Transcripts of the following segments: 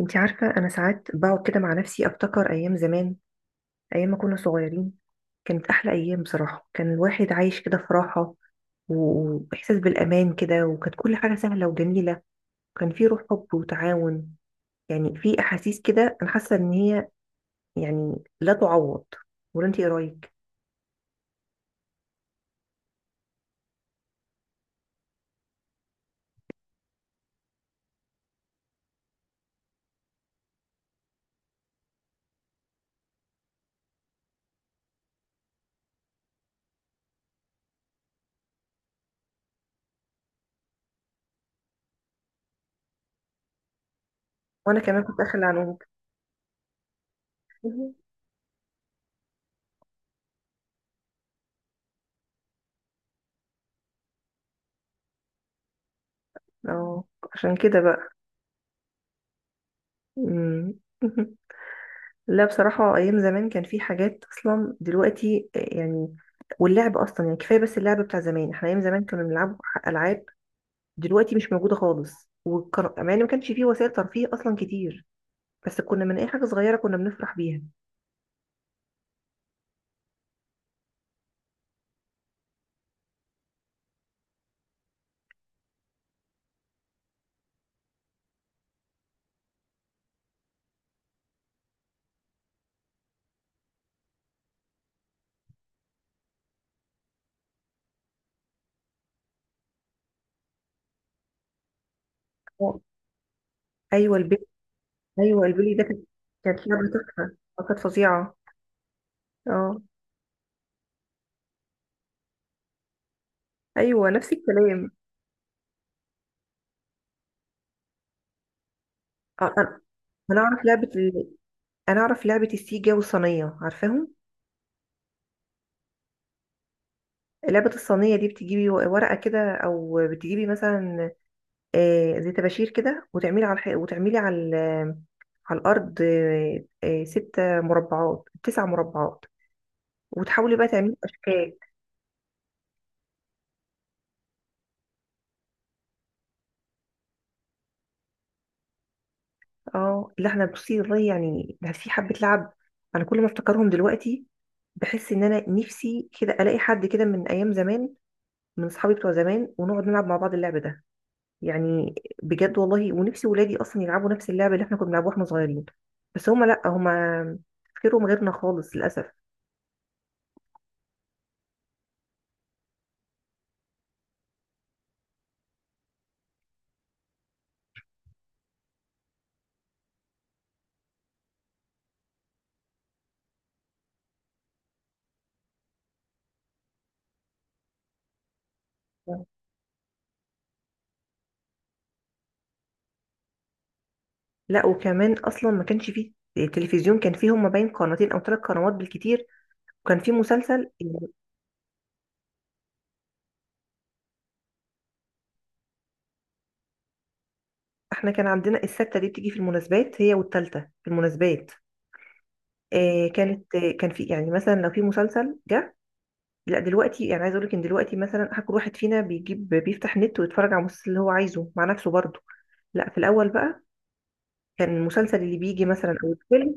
انتي عارفة، انا ساعات بقعد كده مع نفسي افتكر ايام زمان. ايام ما كنا صغيرين كانت احلى ايام، بصراحة. كان الواحد عايش كده في راحة، واحساس بالامان كده، وكانت كل حاجة سهلة وجميلة، وكان في روح حب وتعاون. يعني في احاسيس كده، انا حاسة ان هي، يعني، لا تعوض. ولا انتي ايه رايك؟ وانا كمان كنت داخلة عنك. اه، عشان كده بقى. مم. لا، بصراحة أيام زمان كان في حاجات أصلا دلوقتي، يعني. واللعب أصلا يعني كفاية، بس اللعب بتاع زمان، احنا أيام زمان كنا بنلعب ألعاب دلوقتي مش موجودة خالص. وكان، مع إن ما كانش فيه وسائل ترفيه أصلا كتير، بس كنا من أي حاجة صغيرة كنا بنفرح بيها. اه. أيوة، البيلي. أيوة، البيلي ده كانت لعبة تحفة، كانت فظيعة. أه. أيوة، نفس الكلام. آه، أنا أنا أعرف أنا أعرف لعبة السيجا والصينية، عارفاهم؟ لعبة الصينية دي بتجيبي ورقة كده أو بتجيبي مثلا، زي طباشير كده، وتعملي على الح... وتعملي على ال... على الارض، ست مربعات، تسع مربعات، وتحاولي بقى تعملي اشكال. اه، لا، احنا بصي، والله يعني ده في حبه لعب. انا كل ما افتكرهم دلوقتي بحس ان انا نفسي كده الاقي حد كده من ايام زمان، من اصحابي بتوع زمان، ونقعد نلعب مع بعض اللعب ده، يعني بجد والله. ونفسي ولادي اصلا يلعبوا نفس اللعبه اللي احنا كنا بنلعبوها واحنا صغيرين. بس هما، لا، هما تفكيرهم غيرنا خالص للاسف. لا، وكمان اصلا ما كانش فيه تلفزيون، كان فيه، هما باين، قناتين او ثلاث قنوات بالكتير، وكان فيه مسلسل يعني. احنا كان عندنا السته دي بتيجي في المناسبات، هي والتالته، في المناسبات. كانت، كان في، يعني مثلا لو في مسلسل جه. لا، دلوقتي يعني عايز اقول لك ان دلوقتي مثلا، كل واحد فينا بيفتح نت ويتفرج على المسلسل اللي هو عايزه مع نفسه برضه. لا، في الاول بقى كان المسلسل اللي بيجي مثلا او الفيلم،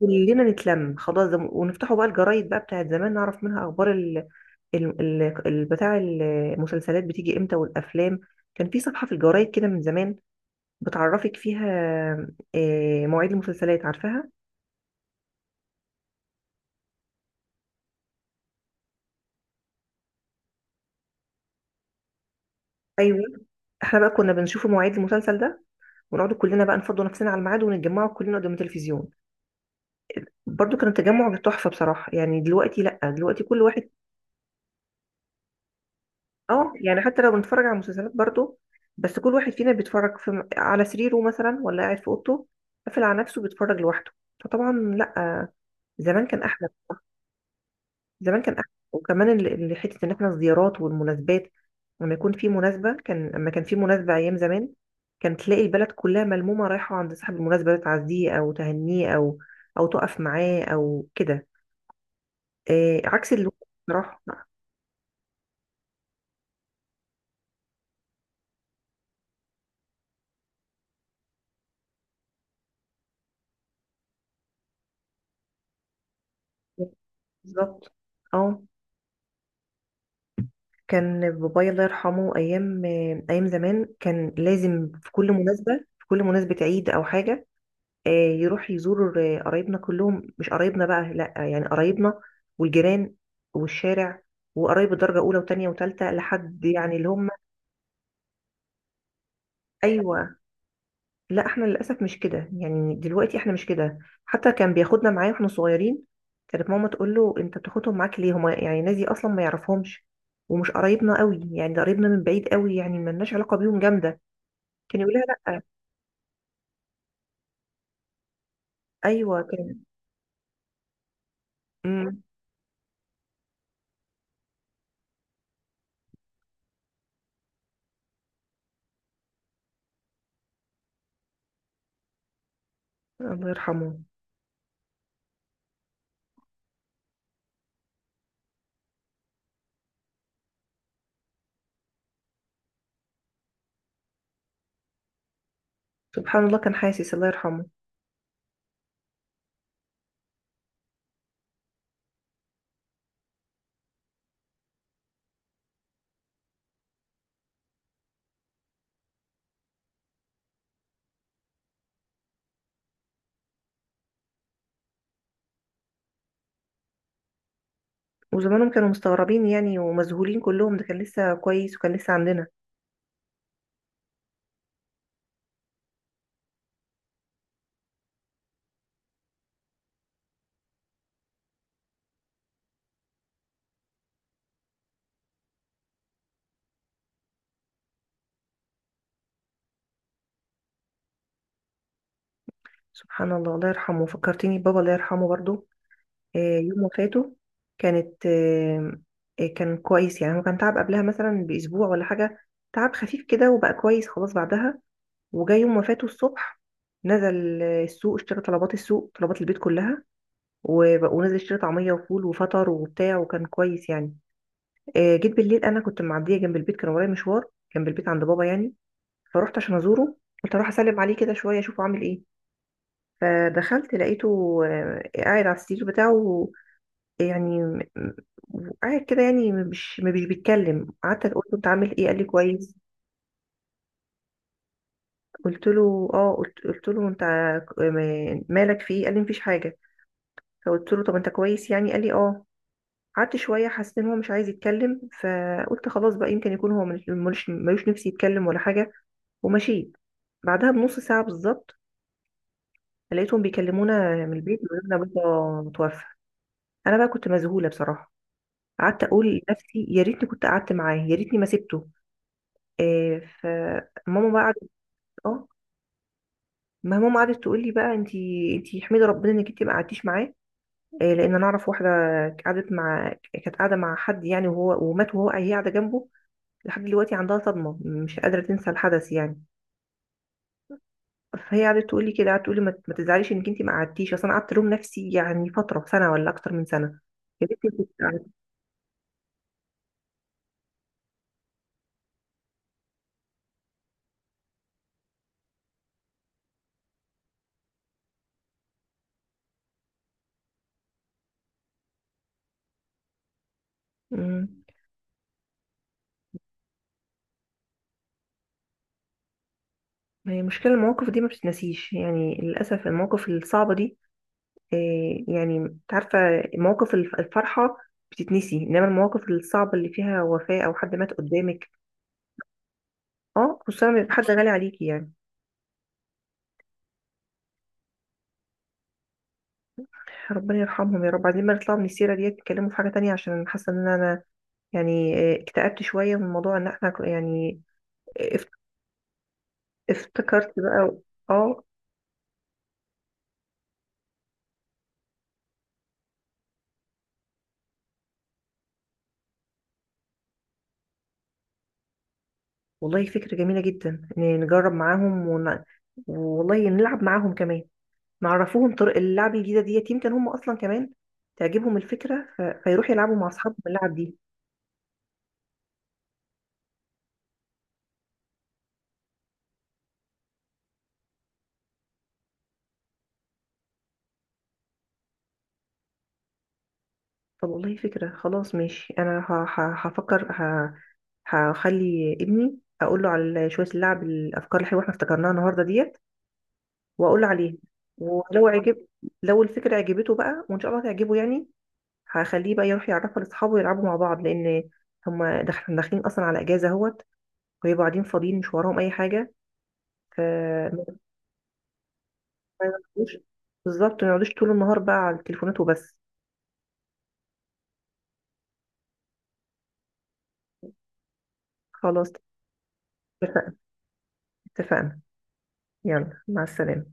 كلنا نتلم خلاص، ونفتحوا بقى الجرايد بقى بتاعت زمان، نعرف منها اخبار بتاع المسلسلات بتيجي امتى والافلام. كان في صفحة في الجرايد كده من زمان بتعرفك فيها مواعيد المسلسلات، عارفاها. ايوه. احنا بقى كنا بنشوف مواعيد المسلسل ده، ونقعد كلنا بقى نفضوا نفسنا على الميعاد، ونتجمعوا كلنا قدام التلفزيون. برضو كان التجمع تحفة بصراحة. يعني دلوقتي لا، دلوقتي كل واحد. اه، يعني حتى لو بنتفرج على مسلسلات برضو، بس كل واحد فينا بيتفرج على سريره مثلا ولا قاعد في اوضته، قافل على نفسه بيتفرج لوحده. فطبعا لا، زمان كان احلى. زمان كان احسن، وكمان حته ان احنا الزيارات والمناسبات، لما يكون في مناسبه، كان في مناسبه ايام زمان، كان تلاقي البلد كلها ملمومه رايحه عند صاحب المناسبه ده، تعزيه او تهنيه، او تقف معاه او كده. عكس اللي راح. بالظبط. اه. كان بابايا الله يرحمه، ايام ايام زمان، كان لازم في كل مناسبه، في كل مناسبه، عيد او حاجه، يروح يزور قرايبنا كلهم، مش قرايبنا بقى، لا يعني قرايبنا والجيران والشارع، وقرايب الدرجة أولى وتانية وتالتة، لحد يعني اللي هم. أيوة. لا، احنا للأسف مش كده، يعني دلوقتي احنا مش كده. حتى كان بياخدنا معاه واحنا صغيرين. كانت ماما تقول له: انت بتاخدهم معاك ليه؟ هما يعني ناس دي اصلا ما يعرفهمش، ومش قرايبنا قوي، يعني ده قرايبنا من بعيد قوي، يعني ما لناش علاقة بيهم جامدة. كان يقول لها: لا. ايوه كان. مم. الله يرحمه. سبحان الله، كان حاسس الله يرحمه. وزمانهم كانوا مستغربين يعني ومذهولين كلهم، ده كان لسه كويس وكان لسه عندنا. سبحان الله، الله يرحمه. فكرتني بابا، الله يرحمه برضو. يوم وفاته كانت آه، آه، كان كويس يعني، هو كان تعب قبلها مثلا بأسبوع ولا حاجة، تعب خفيف كده، وبقى كويس خلاص بعدها. وجاي يوم وفاته الصبح، نزل السوق، اشترى طلبات السوق، طلبات البيت كلها، ونزل اشترى طعمية وفول وفطر وبتاع، وكان كويس يعني. جيت بالليل، انا كنت معدية جنب البيت، كان ورايا مشوار جنب البيت عند بابا يعني. فروحت عشان ازوره، قلت اروح اسلم عليه كده شويه، اشوفه عامل ايه. فدخلت لقيته قاعد على السرير بتاعه، يعني قاعد كده، يعني مش بيتكلم. قعدت قلت له: انت عامل ايه؟ قال لي: كويس. قلت له: اه. قلت له: انت مالك، في ايه؟ قال لي: مفيش حاجه. فقلت له: طب انت كويس يعني؟ قال لي: اه. قعدت شويه، حسيت ان هو مش عايز يتكلم. فقلت خلاص بقى، يمكن يكون هو ملوش نفسي يتكلم ولا حاجه. ومشيت. بعدها بنص ساعه بالظبط، لقيتهم بيكلمونا من البيت بيقولوا لنا بابا متوفى. انا بقى كنت مذهوله بصراحه. قعدت اقول لنفسي: يا ريتني كنت قعدت معاه، يا ريتني ما سبته. فماما بقى قعدت. اه. ما ماما قعدت تقول لي بقى: انتي احمدي ربنا انك انتي ما قعدتيش معاه. لان انا اعرف واحده قعدت مع كانت قاعده مع حد يعني، ومات، هي قاعده جنبه. لحد دلوقتي عندها صدمه، مش قادره تنسى الحدث يعني. فهي قعدت تقول لي كده، قعدت تقول لي: ما تزعليش انك انتي ما قعدتيش. اصل انا قعدت الوم نفسي يعني فتره سنه ولا اكتر من سنه. يا ريتني كنت. مم. ما هي مشكلة المواقف دي ما بتتنسيش، يعني للأسف المواقف الصعبة دي، يعني انت عارفة، مواقف الفرحة بتتنسي، إنما المواقف الصعبة اللي فيها وفاة أو حد مات قدامك. اه، خصوصا لما يبقى حد غالي عليكي يعني. ربنا يرحمهم يا رب. عايزين بقى نطلع من السيرة ديت، نتكلموا في حاجة تانية، عشان حاسة إن أنا يعني اكتئبت شوية من موضوع إن احنا يعني اف- افتكرت بقى. اه، والله فكرة جميلة جدا إن نجرب معاهم والله نلعب معاهم كمان، نعرفوهم طرق اللعب الجديدة ديت، يمكن هم أصلا كمان تعجبهم الفكرة، فيروحوا يلعبوا مع أصحابهم اللعب دي. طب والله فكرة، خلاص ماشي. أنا هخلي ابني أقول له على شوية اللعب، الأفكار الحلوة احنا افتكرناها النهاردة ديت، وأقول له عليها. ولو عجب لو الفكرة عجبته بقى، وإن شاء الله تعجبه يعني، هخليه بقى يروح يعرفها لأصحابه يلعبوا مع بعض، لأن هما داخلين أصلا على إجازة أهوت، ويبقوا قاعدين فاضيين مش وراهم أي حاجة. ف- ما يقعدوش، بالظبط ما يقعدوش طول النهار بقى على التليفونات وبس. خلاص، اتفقنا، اتفقنا. يلا مع السلامة.